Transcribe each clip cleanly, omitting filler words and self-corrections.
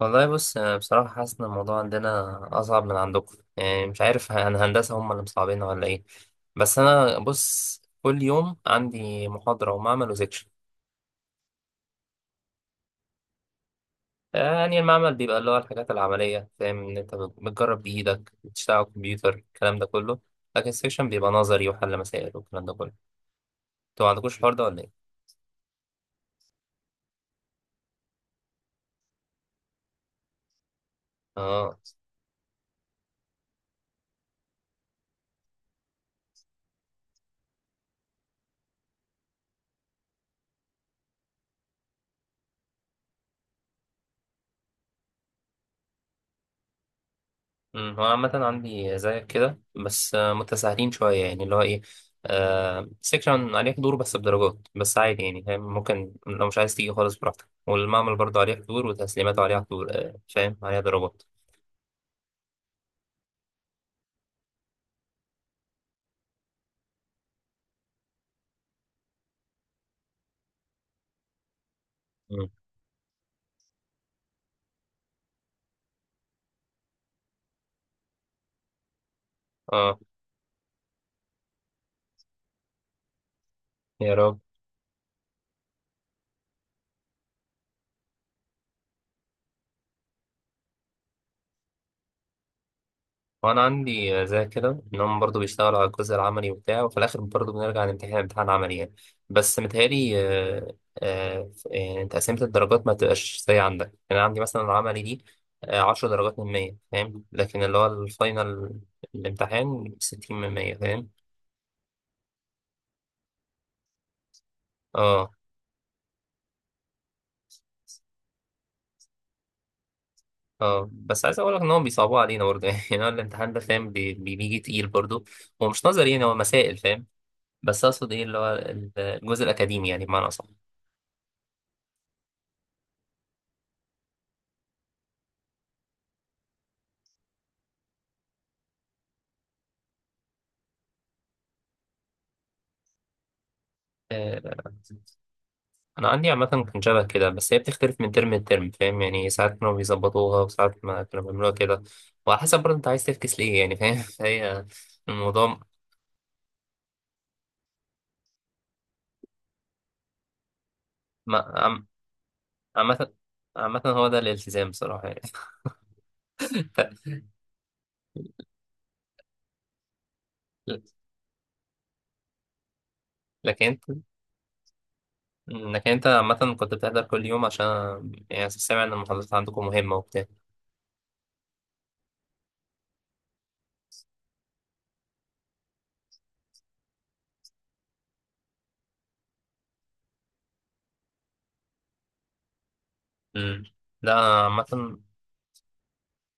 والله بص، أنا بصراحة حاسس إن الموضوع عندنا أصعب من عندكم. يعني مش عارف يعني هندسة هم اللي مصعبين ولا إيه؟ بس أنا بص، كل يوم عندي محاضرة ومعمل وسكشن. يعني المعمل بيبقى اللي هو الحاجات العملية، فاهم؟ إن أنت بتجرب بإيدك، بتشتغل على الكمبيوتر، الكلام ده كله. لكن السكشن بيبقى نظري وحل مسائل والكلام ده كله. أنتوا ما عندكوش الحوار ده ولا إيه؟ آه. هو عامة عندي زيك كده، بس متساهلين شوية يعني. اللي هو ايه، آه، سيكشن عليك دور بس بدرجات، بس عادي يعني، فاهم؟ ممكن لو مش عايز تيجي خالص براحتك. والمعمل برضه عليه حضور، وتسليماته عليها حضور، فاهم، عليها درجات. مم. اه. يا رب. وانا عندي زي كده، ان هم برضه بيشتغلوا على الجزء العملي وبتاع، وفي الاخر برضه بنرجع نمتحن امتحان عملي يعني. بس متهيألي يعني تقسيمة الدرجات ما تبقاش زي عندك. يعني عندي مثلا العملي دي 10 درجات من مية، فاهم؟ لكن اللي هو الفاينل، الامتحان، 60 من 100، فاهم؟ اه. اه، بس عايز اقول لك ان هم بيصعبوا علينا برضه. يعني هو الامتحان ده فاهم، بيجي تقيل برضه. هو مش نظري، يعني هو مسائل، فاهم؟ بس اقصد ايه اللي هو الجزء الاكاديمي يعني، بمعنى اصح. آه. انا عندي عامه كان شبه كده، بس هي بتختلف من ترم لترم، فاهم؟ يعني ساعات كانوا بيظبطوها، وساعات ما كانوا بيعملوها كده. وعلى حسب برضه انت عايز تفكس ليه يعني، فاهم؟ فهي الموضوع. ما- عم- عامه. عامه هو ده الالتزام بصراحه يعني. ف- لكن انت لكن انت عامه كنت بتحضر كل يوم، عشان يعني سامع ان المحاضرات عندكم مهمه وبتاع. مم. لا عامه،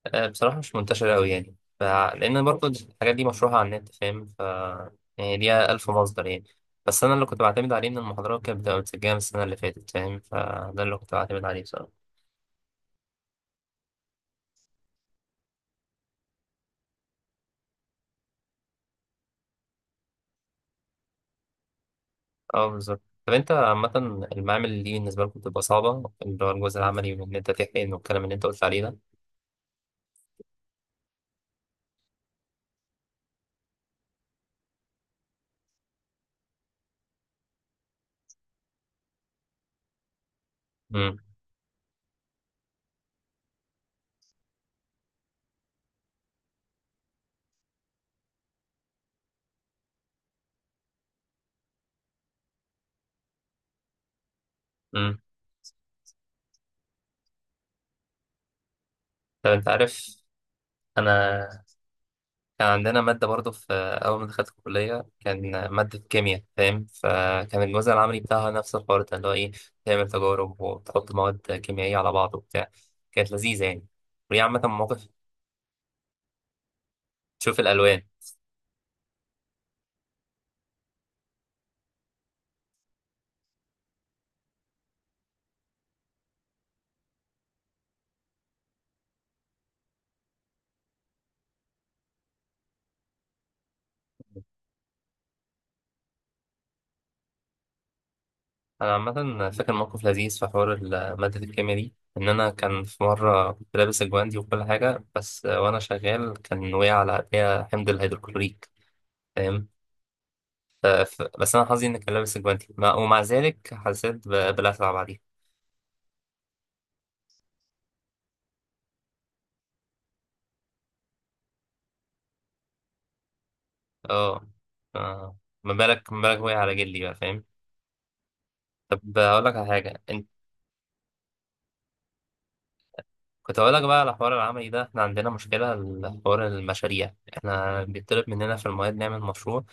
بصراحة مش منتشرة أوي يعني، لأن برضه الحاجات دي مشروحة على النت، فاهم؟ ف يعني ليها ألف مصدر يعني. بس أنا اللي كنت بعتمد عليه إن المحاضرات كانت بتبقى متسجلة من السنة اللي فاتت، فاهم؟ فده اللي كنت بعتمد عليه بصراحة. أه بالظبط. طب أنت عامة المعامل دي بالنسبة لكم بتبقى صعبة؟ اللي هو الجزء العملي، وإن أنت تحقن والكلام اللي أنت قلت عليه ده. امم امم طب أنت عارف، أنا كان عندنا مادة برضه في أول ما دخلت الكلية، كان مادة كيمياء، فاهم؟ فكان الجزء العملي بتاعها نفس الحوار ده، اللي هو إيه، تعمل تجارب وتحط مواد كيميائية على بعض وبتاع. كانت لذيذة يعني. وهي عامة موقف، تشوف الألوان. أنا عامة فاكر موقف لذيذ في حوار مادة الكيمياء دي، إن أنا كان في مرة كنت لابس الجواندي وكل حاجة، بس وأنا شغال كان وقع على إيديا حمض الهيدروكلوريك، فاهم؟ بس أنا حظي إني كان لابس الجواندي، مع- ومع ذلك حسيت بلسعة بعديها. اه. آه. ما بالك، ما بالك وقع على جلي بقى، فاهم؟ طب هقول لك على حاجه انت. كنت هقول لك بقى على حوار العملي ده، احنا عندنا مشكله لحوار المشاريع، احنا بيطلب مننا في المواد نعمل مشروع.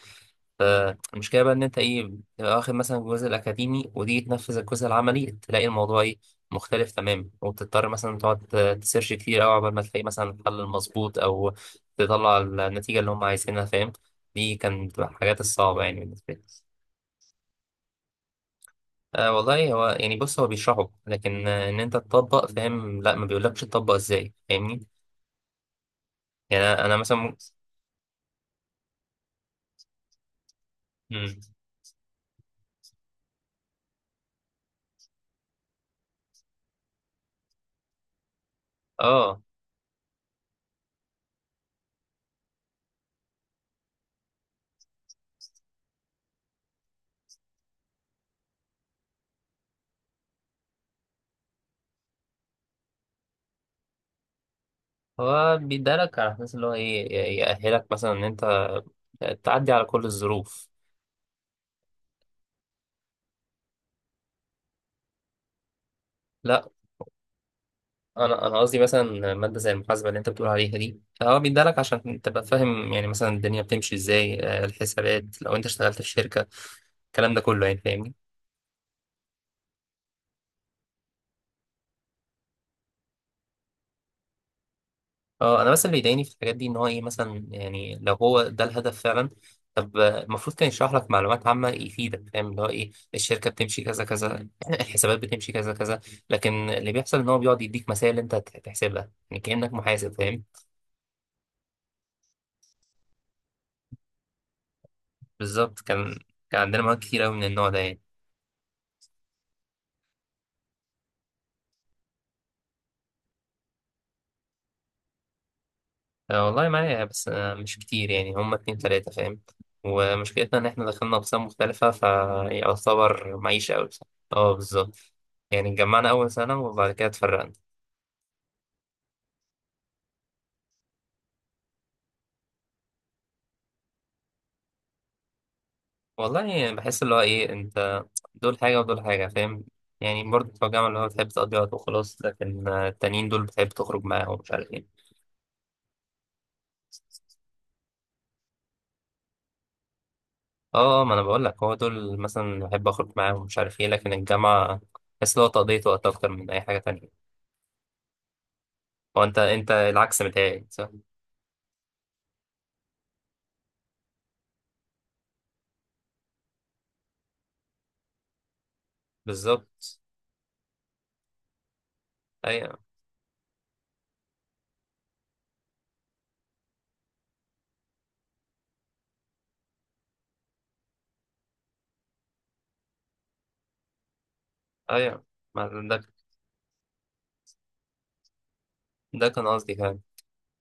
فالمشكله بقى ان انت ايه، بتبقى واخد مثلا الجزء الاكاديمي، وتيجي تنفذ الجزء العملي، تلاقي الموضوع ايه، مختلف تماما. وبتضطر مثلا تقعد تسيرش كتير قوي عقبال ما تلاقي مثلا الحل المظبوط، او تطلع النتيجه اللي هم عايزينها، فاهم؟ دي كانت بتبقى الحاجات الصعبه يعني، بالنسبه لي. آه والله، هو يعني بص، هو بيشرحه، لكن آه، ان انت تطبق، فاهم؟ لا، ما بيقولكش تطبق ازاي، فاهمني؟ يعني أنا مثلا ممكن. مم. اه، هو بيدالك على اساس اللي هو ايه، يأهلك مثلا ان انت تعدي على كل الظروف. لا، انا قصدي مثلا ماده زي المحاسبه اللي انت بتقول عليها دي، هو بيدالك عشان تبقى فاهم يعني مثلا الدنيا بتمشي ازاي، الحسابات لو انت اشتغلت في شركه، الكلام ده كله يعني، فاهمني؟ اه، انا بس اللي بيضايقني في الحاجات دي ان هو ايه مثلا. يعني لو هو ده الهدف فعلا، طب المفروض كان يشرح لك معلومات عامه يفيدك، فاهم؟ اللي هو ايه، الشركه بتمشي كذا كذا، الحسابات بتمشي كذا كذا. لكن اللي بيحصل ان هو بيقعد يديك مسائل انت هتحسبها، يعني كانك محاسب، فاهم؟ بالظبط. كان، كان عندنا مواد كتير قوي من النوع ده يعني. والله معايا، بس مش كتير يعني، هما اتنين تلاته فاهم. ومشكلتنا ان احنا دخلنا اقسام مختلفه، فيعتبر معيشه قوي بصراحه. اه بالظبط. يعني اتجمعنا اول سنه، وبعد كده اتفرقنا. والله يعني بحس اللي هو ايه، انت، دول حاجة ودول حاجة، فاهم؟ يعني برضه بتوع الجامعة اللي هو بتحب تقضي وقت وخلاص، لكن التانيين دول بتحب تخرج معاهم ومش عارف ايه. اه، ما انا بقول لك، هو دول مثلا بحب اخرج معاهم ومش عارف ايه، لكن الجامعة بحس اللي هو تقضية وقت اكتر من اي حاجة تانية. هو انت، انت العكس، متهيألي، صح؟ بالظبط. ايوه ايوه. ما ده، ده كان قصدي كمان.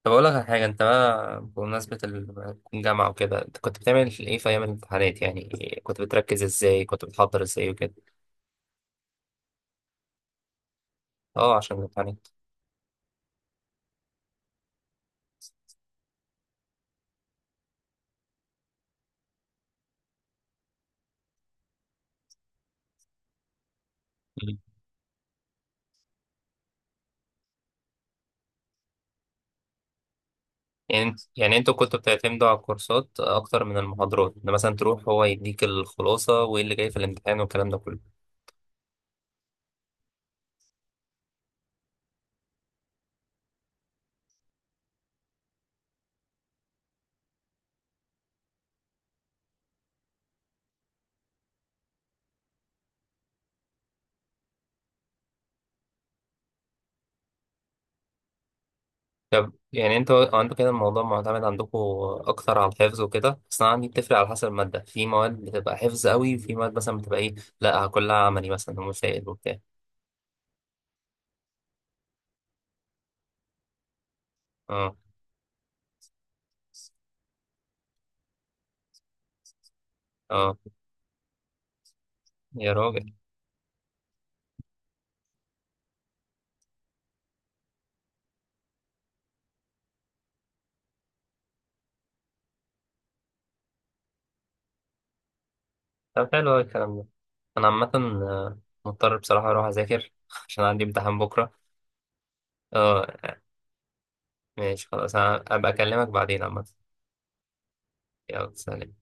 طب اقول لك على حاجة انت بقى، بمناسبة الجامعة وكده، انت كنت بتعمل ايه في ايام الامتحانات يعني؟ كنت بتركز ازاي، كنت بتحضر ازاي وكده؟ اه، عشان الامتحانات. مم. يعني انت، يعني انتوا كنتوا بتعتمدوا على الكورسات اكتر من المحاضرات، ان مثلا تروح هو يديك الخلاصه وايه اللي جاي في الامتحان والكلام ده كله؟ طب يعني انتوا عندكم كده الموضوع معتمد عندكم اكتر على الحفظ وكده؟ بس انا عندي بتفرق على حسب الماده، في مواد بتبقى حفظ قوي، وفي مواد مثلا بتبقى ايه، لا كلها عملي مثلا ومسائل وبتاع. اه. اه يا راجل. طب حلو أوي الكلام ده. انا عامه مضطر بصراحه اروح اذاكر عشان عندي امتحان بكره. اه. ماشي خلاص، انا ابقى اكلمك بعدين عامه. يلا، سلام.